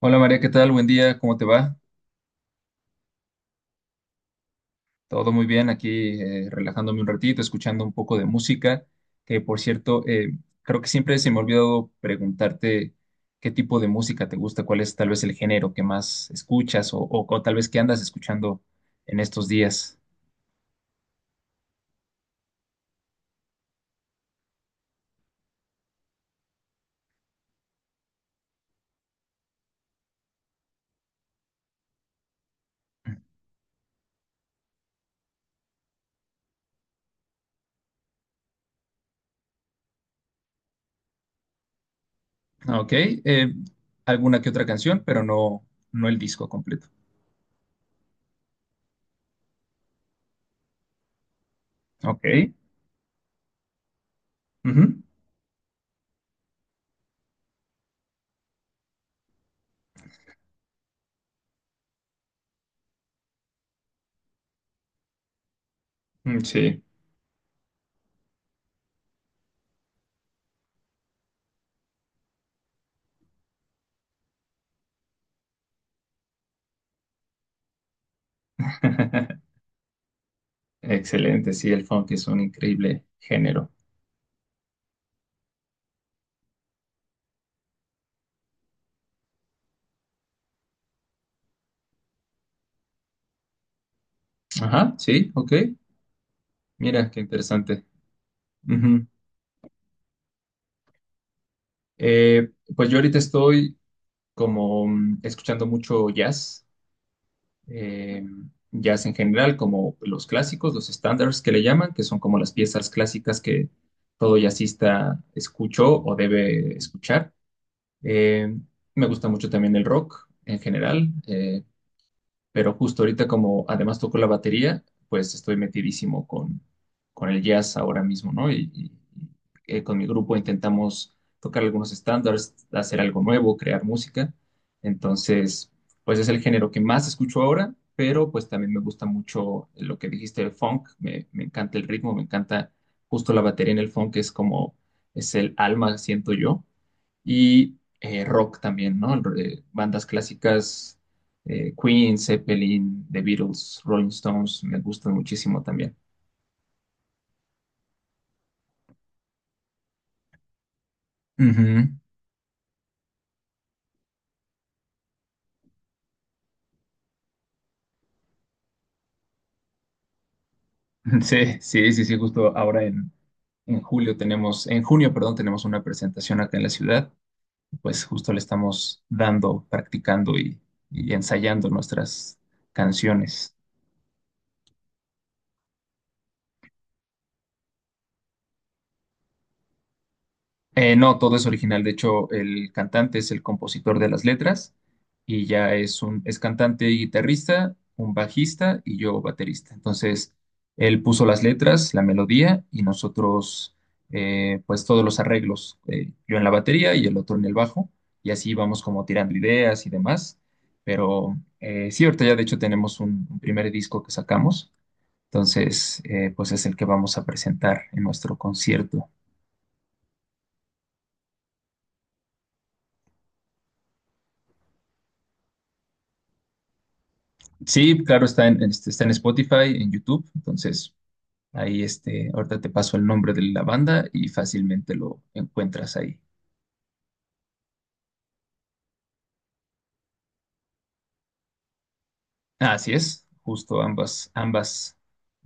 Hola María, ¿qué tal? Buen día, ¿cómo te va? Todo muy bien, aquí relajándome un ratito, escuchando un poco de música, que por cierto, creo que siempre se me ha olvidado preguntarte qué tipo de música te gusta, cuál es tal vez el género que más escuchas o tal vez qué andas escuchando en estos días. Ah, ok, alguna que otra canción, pero no, no el disco completo. Ok, ujú, mm, sí. Excelente, sí, el funk es un increíble género. Ajá, sí, ok. Mira, qué interesante. Ujú. Eh, pues yo ahorita estoy escuchando mucho jazz, eh, jazz en general, como los clásicos, los standards que le llaman, que son como las piezas clásicas que todo jazzista escuchó o debe escuchar. Eh, Me gusta mucho también el rock en general. Pero justo ahorita como además toco la batería, pues estoy metidísimo con el jazz ahora mismo, ¿no? Y con mi grupo intentamos tocar algunos estándares, hacer algo nuevo, crear música. Entonces, pues es el género que más escucho ahora, pero pues también me gusta mucho lo que dijiste, el funk. Me encanta el ritmo, me encanta justo la batería en el funk, es como es el alma, siento yo y rock también, ¿no? Bandas clásicas, Queen, Zeppelin, The Beatles, Rolling Stones, me gustan muchísimo también. Ujú. Sí, sí, sí, sí, justo en julio tenemos, en junio, perdón, tenemos una presentación acá en la ciudad, pues justo le estamos dando, practicando y ensayando nuestras canciones. No, todo es original. De hecho, el cantante es el compositor de las letras y ya es un es cantante y guitarrista, un bajista y yo baterista. Entonces, él puso las letras, la melodía y nosotros, pues todos los arreglos, yo en la batería y el otro en el bajo y así vamos como tirando ideas y demás. Pero sí, ahorita ya de hecho tenemos un primer disco que sacamos. Entonces, pues es el que vamos a presentar en nuestro concierto. Sí, claro, está en Spotify, en YouTube, entonces ahorita te paso el nombre de la banda y fácilmente lo encuentras ahí. Ah, así es, justo ambas, ambas,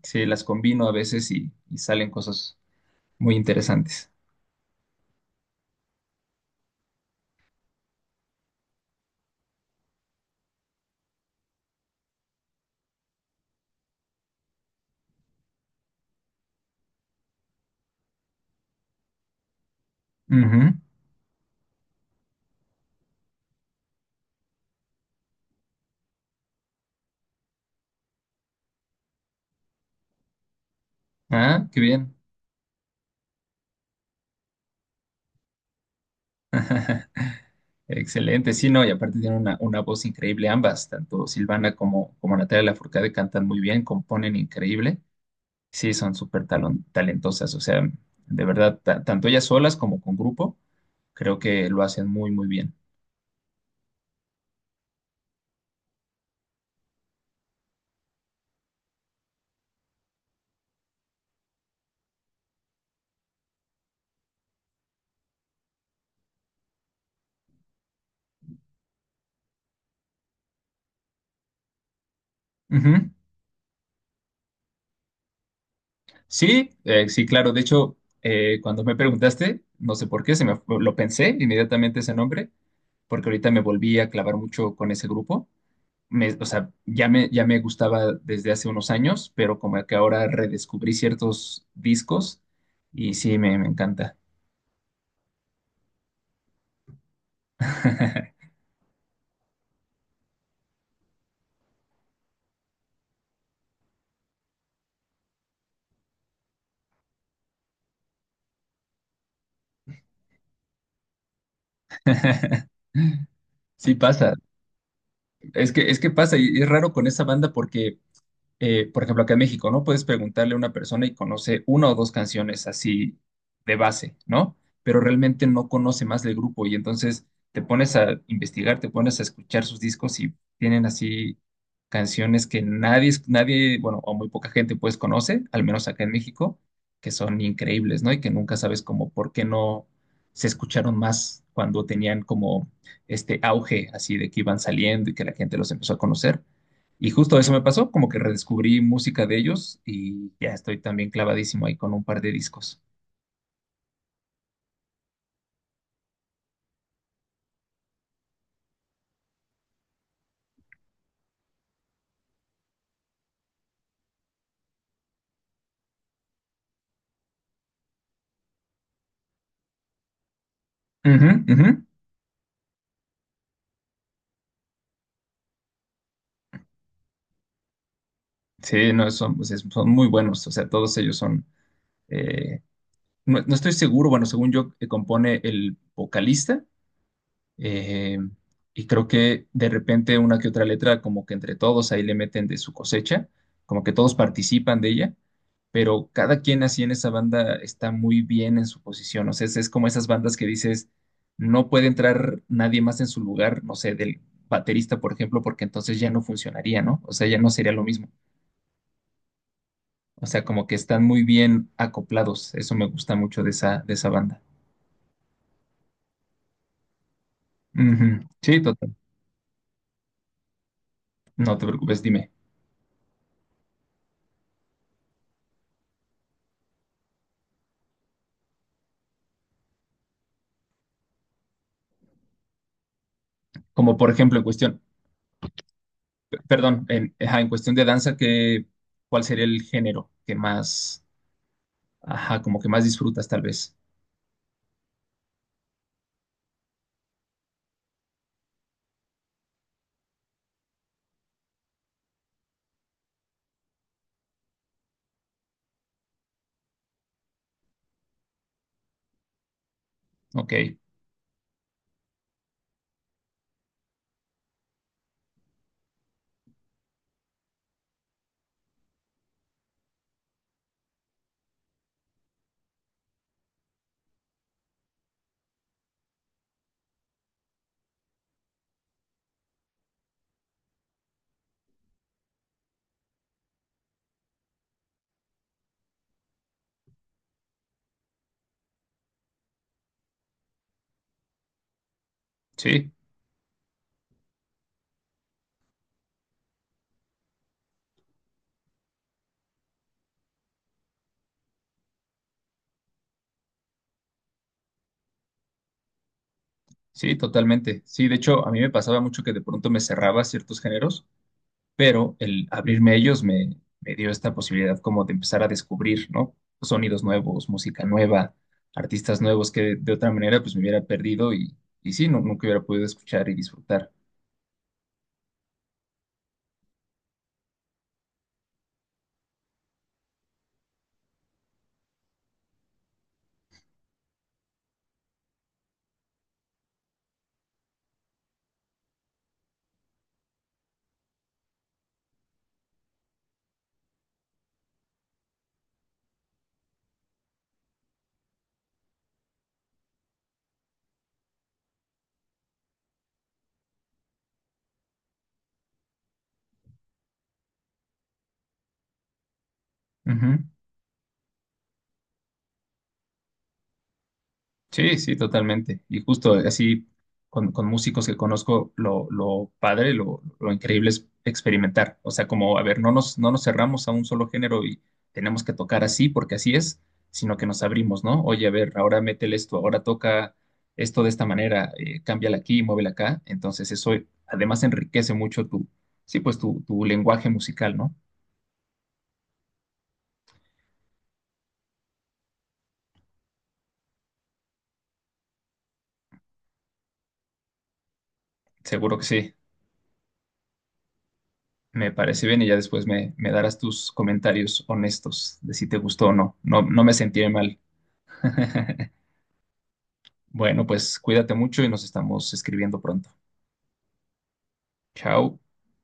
se las combino a veces y salen cosas muy interesantes. Ujú. Ah, qué bien. Excelente, sí, no, y aparte tienen una voz increíble ambas, tanto Silvana como, como Natalia Lafourcade cantan muy bien, componen increíble. Sí, son súper talentosas, o sea, de verdad, tanto ellas solas como con grupo, creo que lo hacen muy, muy bien. Ujú. Sí, sí, claro, de hecho, cuando me preguntaste, no sé por qué, lo pensé inmediatamente ese nombre, porque ahorita me volví a clavar mucho con ese grupo. O sea, ya me gustaba desde hace unos años, pero como que ahora redescubrí ciertos discos y sí, me encanta. Sí pasa. Es que pasa, y es raro con esa banda porque por ejemplo, acá en México, ¿no? Puedes preguntarle a una persona y conoce una o dos canciones así de base, ¿no? Pero realmente no conoce más del grupo y entonces te pones a investigar, te pones a escuchar sus discos y tienen así canciones que nadie, nadie, bueno, o muy poca gente pues conoce, al menos acá en México, que son increíbles, ¿no? Y que nunca sabes como por qué no se escucharon más cuando tenían como este auge así de que iban saliendo y que la gente los empezó a conocer y justo eso me pasó, como que redescubrí música de ellos y ya estoy también clavadísimo ahí con un par de discos. Ujú, ujú. Sí, no, son muy buenos, o sea, todos ellos son... eh, no, no estoy seguro, bueno, según yo, compone el vocalista eh, y creo que de repente una que otra letra, como que entre todos ahí le meten de su cosecha, como que todos participan de ella pero cada quien así en esa banda está muy bien en su posición. O sea, es como esas bandas que dices, no puede entrar nadie más en su lugar, no sé, del baterista, por ejemplo, porque entonces ya no funcionaría, ¿no? O sea, ya no sería lo mismo. O sea, como que están muy bien acoplados. Eso me gusta mucho de de esa banda. Ujú. Sí, total. No te preocupes, dime. Como por ejemplo, perdón, ajá, en cuestión de danza, ¿cuál sería el género que más, ajá, como que más disfrutas tal vez? Ok, sí. Sí, totalmente. Sí, de hecho, a mí me pasaba mucho que de pronto me cerraba a ciertos géneros, pero el abrirme a ellos me dio esta posibilidad como de empezar a descubrir, ¿no? Sonidos nuevos, música nueva, artistas nuevos que de otra manera pues me hubiera perdido y sí, no, nunca hubiera podido escuchar y disfrutar. Ujú. Sí, sí, totalmente. Y justo así, con músicos que conozco, lo padre, lo increíble es experimentar. O sea, como, a ver, no nos cerramos a un solo género y tenemos que tocar así porque así es, sino que nos abrimos, ¿no? Oye, a ver, ahora métele esto, ahora toca esto de esta manera, cámbiala aquí, muévela acá. Entonces eso además enriquece mucho tu, sí, pues tu lenguaje musical, ¿no? Seguro que sí. Me parece bien y ya después me darás tus comentarios honestos de si te gustó o no. No, no me sentiré mal. Bueno, pues cuídate mucho y nos estamos escribiendo pronto. Chao.